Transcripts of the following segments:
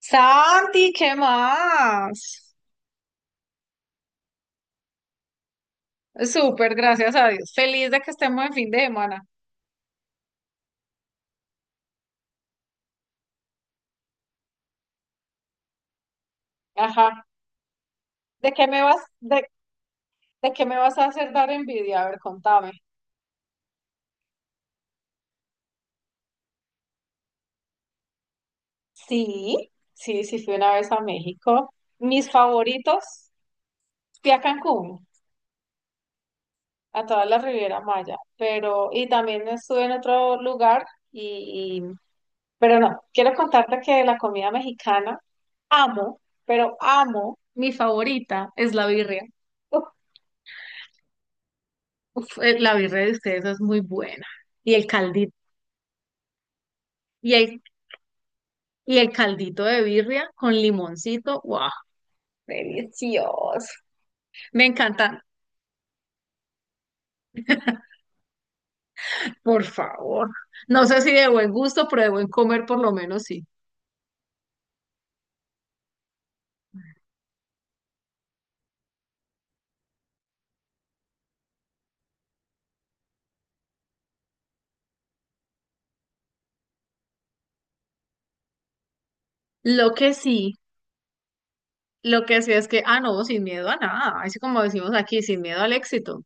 Santi, ¿qué más? Súper, gracias a Dios. Feliz de que estemos en fin de semana. Ajá. ¿De qué me vas, de qué me vas a hacer dar envidia? A ver, contame. Sí, sí, sí, fui una vez a México. Mis favoritos, fui a Cancún, a toda la Riviera Maya, pero, y también estuve en otro lugar, y, y- pero no, quiero contarte que la comida mexicana amo, pero amo, mi favorita es la birria. Uf, la birria de ustedes es muy buena. Y el caldito, y el, y el caldito de birria con limoncito, wow, delicioso. Me encanta, por favor. No sé si de buen gusto, pero de buen comer por lo menos sí. Lo que sí, lo que sí es que, ah, no, sin miedo a nada, así como decimos aquí, sin miedo al éxito.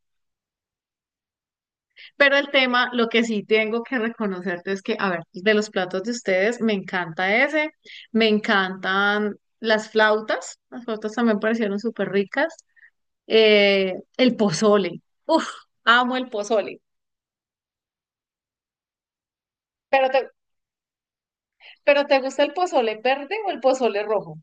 Pero el tema, lo que sí tengo que reconocerte es que, a ver, de los platos de ustedes, me encantan las flautas también parecieron súper ricas, el pozole, uff, amo el pozole, pero te, pero ¿te gusta el pozole verde o el pozole rojo?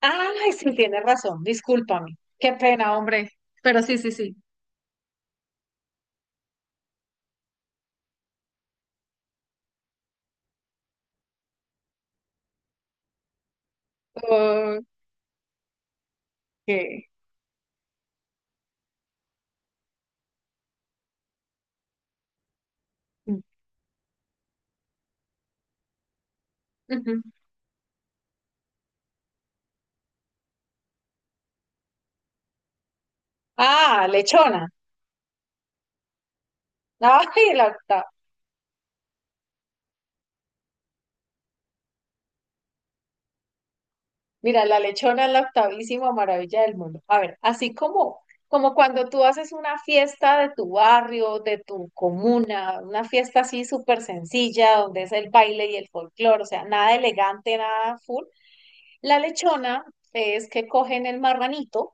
Ay, sí, tienes razón, discúlpame, qué pena, hombre, pero sí, sí, sí. Ok. Ujú. Ah, lechona, ay, la, Mira, la lechona es la octavísima maravilla del mundo. A ver, como cuando tú haces una fiesta de tu barrio, de tu comuna, una fiesta así súper sencilla, donde es el baile y el folclore, o sea, nada elegante, nada full. La lechona es que cogen el marranito,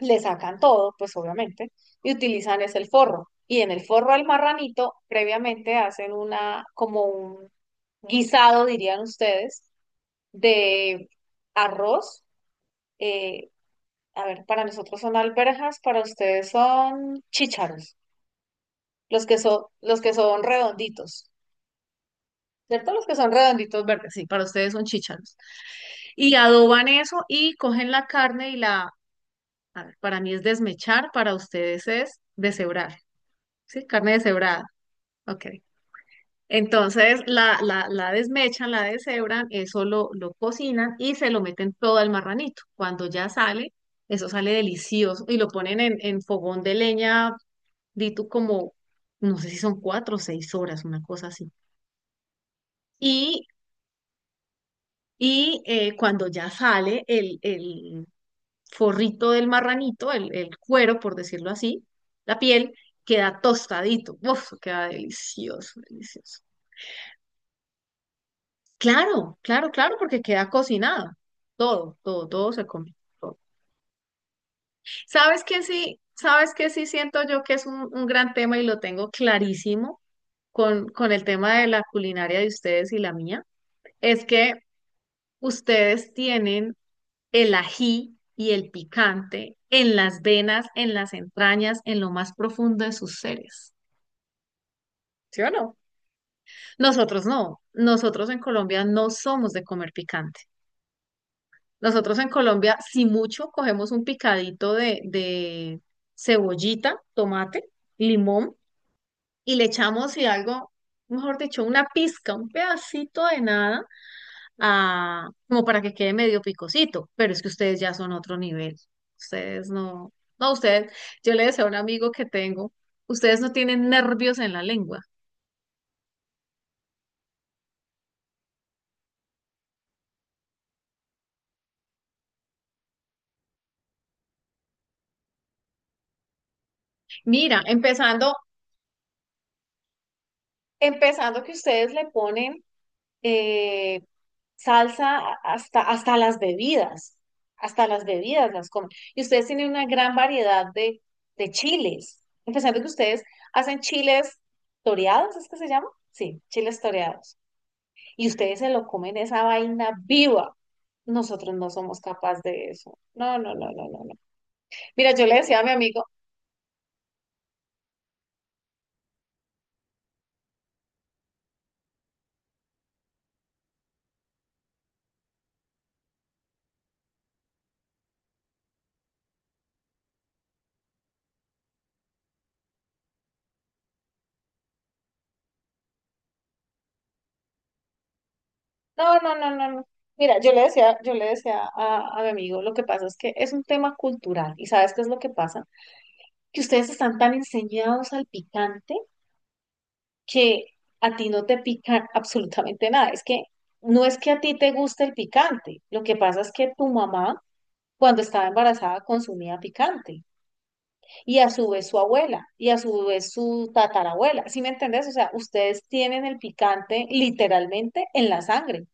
le sacan todo, pues obviamente, y utilizan es el forro. Y en el forro al marranito, previamente hacen una, como un guisado, dirían ustedes, de arroz, eh, a ver, para nosotros son alberjas, para ustedes son chícharos, los que son redonditos, ¿cierto? Los que son redonditos verdes, sí, para ustedes son chícharos. Y adoban eso y cogen la carne y la, a ver, para mí es desmechar, para ustedes es deshebrar, ¿sí? Carne deshebrada, ok. Entonces la desmechan, la deshebran, eso lo cocinan y se lo meten todo al marranito. Cuando ya sale, eso sale delicioso y lo ponen en fogón de leña di tú como, no sé si son cuatro o seis horas, una cosa así. Y, y cuando ya sale el forrito del marranito, el cuero, por decirlo así, la piel, queda tostadito. Uf, queda delicioso, delicioso. Claro, claro, claro, porque queda cocinado. Todo, todo, todo se come, todo. ¿Sabes qué sí? ¿Sabes qué sí siento yo que es un gran tema y lo tengo clarísimo con el tema de la culinaria de ustedes y la mía? Es que ustedes tienen el ají y el picante en las venas, en las entrañas, en lo más profundo de sus seres. ¿Sí o no? Nosotros no. Nosotros en Colombia no somos de comer picante. Nosotros en Colombia, si mucho, cogemos un picadito de cebollita, tomate, limón y le echamos, y algo, mejor dicho, una pizca, un pedacito de nada a- como para que quede medio picosito, pero es que ustedes ya son otro nivel. Ustedes no, no, ustedes, yo le decía a un amigo que tengo, ustedes no tienen nervios en la lengua. Mira, empezando que ustedes le ponen eh, salsa a- hasta, hasta las bebidas las comen. Y ustedes tienen una gran variedad de chiles, empezando que ustedes hacen chiles toreados, ¿es que se llama? Sí, chiles toreados y ustedes se lo comen esa vaina viva. Nosotros no somos capaces de eso. No, no, no, no, no, no. Mira, yo le decía a mi amigo, no, no, no, no, no. Mira, yo le decía a mi amigo, lo que pasa es que es un tema cultural. ¿Y sabes qué es lo que pasa? Que ustedes están tan enseñados al picante que a ti no te pica absolutamente nada. Es que no es que a ti te guste el picante. Lo que pasa es que tu mamá, cuando estaba embarazada, consumía picante, y a su vez su abuela, y a su vez su tatarabuela. ¿Sí me entendés? O sea, ustedes tienen el picante literalmente en la sangre.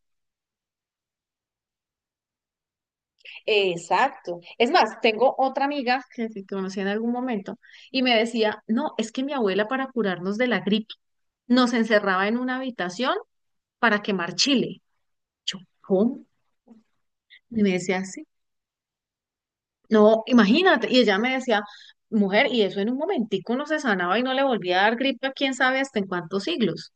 Exacto. Es más, tengo otra amiga que conocí en algún momento y me decía, no, es que mi abuela para curarnos de la gripe nos encerraba en una habitación para quemar chile. Yo, ¿cómo? Y me decía así. No, imagínate. Y ella me decía, mujer, y eso en un momentico no se sanaba y no le volvía a dar gripe a quién sabe hasta en cuántos siglos.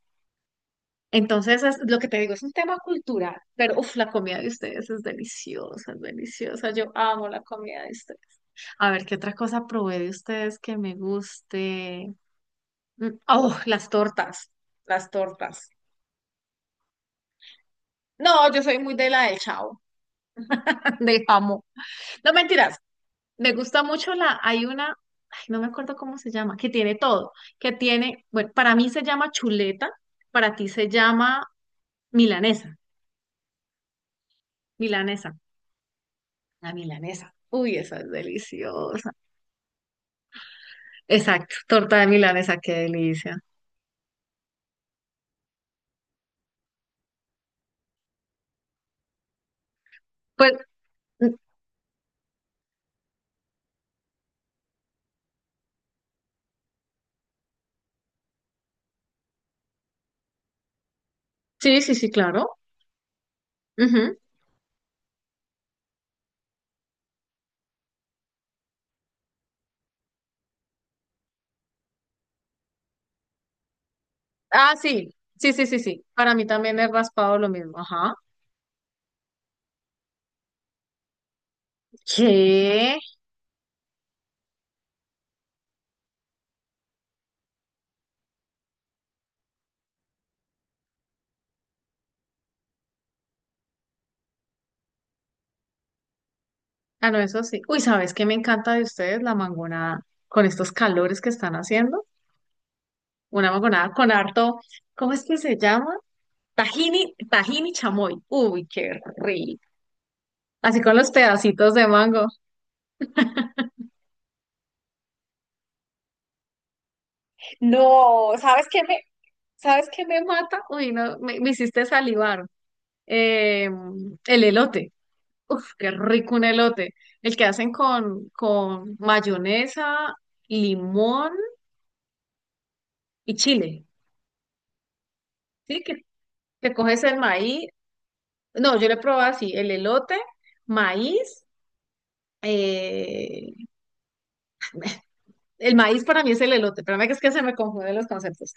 Entonces, es lo que te digo, es un tema cultural, pero uf, la comida de ustedes es deliciosa, es deliciosa. Yo amo la comida de ustedes. A ver, ¿qué otra cosa probé de ustedes que me guste? Mm, oh, las tortas. No, yo soy muy de la del chao, de jamón. No mentiras, me gusta mucho ay, no me acuerdo cómo se llama, que tiene todo, que tiene, bueno, para mí se llama chuleta, para ti se llama milanesa, milanesa. La milanesa. Uy, esa es deliciosa. Exacto, torta de milanesa, qué delicia. Pues mm, sí, sí, sí, claro. Ujú. Ah, sí, sí, sí, sí, sí. Para mí también es raspado lo mismo. Ajá. ¿Qué? Ah, no, eso sí. Uy, ¿sabes qué me encanta de ustedes? La mangonada. Con estos calores que están haciendo. Una mangonada con harto, ¿cómo es que se llama? Tajini, tajini chamoy. Uy, qué rico. Así con los pedacitos de mango. No, ¿sabes qué? ¿Sabes qué me mata? Uy, no, me hiciste salivar. Eh, el elote. Uf, qué rico un elote. El que hacen con mayonesa, limón y chile. ¿Sí? Que coges el maíz. No, yo le probé así, el elote, maíz. Eh, el maíz para mí es el elote. Espérame que es que se me confunden los conceptos.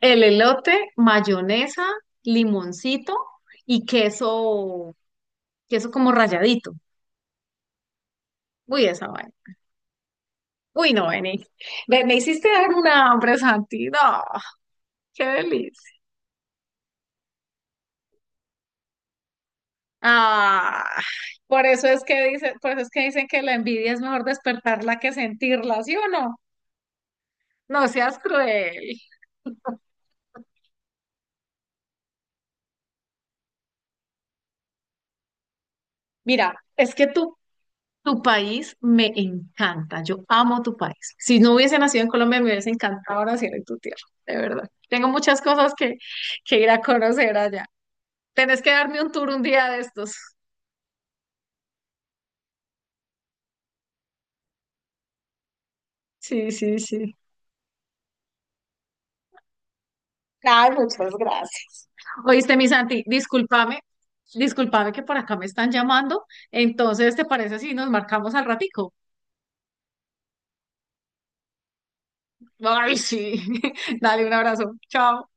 El elote, mayonesa, limoncito y queso, queso como ralladito. Uy, esa vaina. Uy, no, Beni, me hiciste dar un hambre, Santi. No, qué delicia. Ah, por eso es que dicen que la envidia es mejor despertarla que sentirla, ¿sí o no? No seas cruel. Mira, es que tu país me encanta. Yo amo tu país. Si no hubiese nacido en Colombia, me hubiese encantado nacer en tu tierra, de verdad. Tengo muchas cosas que ir a conocer allá. Tenés que darme un tour un día de estos. Sí, sí, sí. Ay, muchas gracias. Oíste, mi Santi, discúlpame, discúlpame que por acá me están llamando. Entonces, ¿te parece si nos marcamos al ratico? Ay, sí. Dale un abrazo. Chao.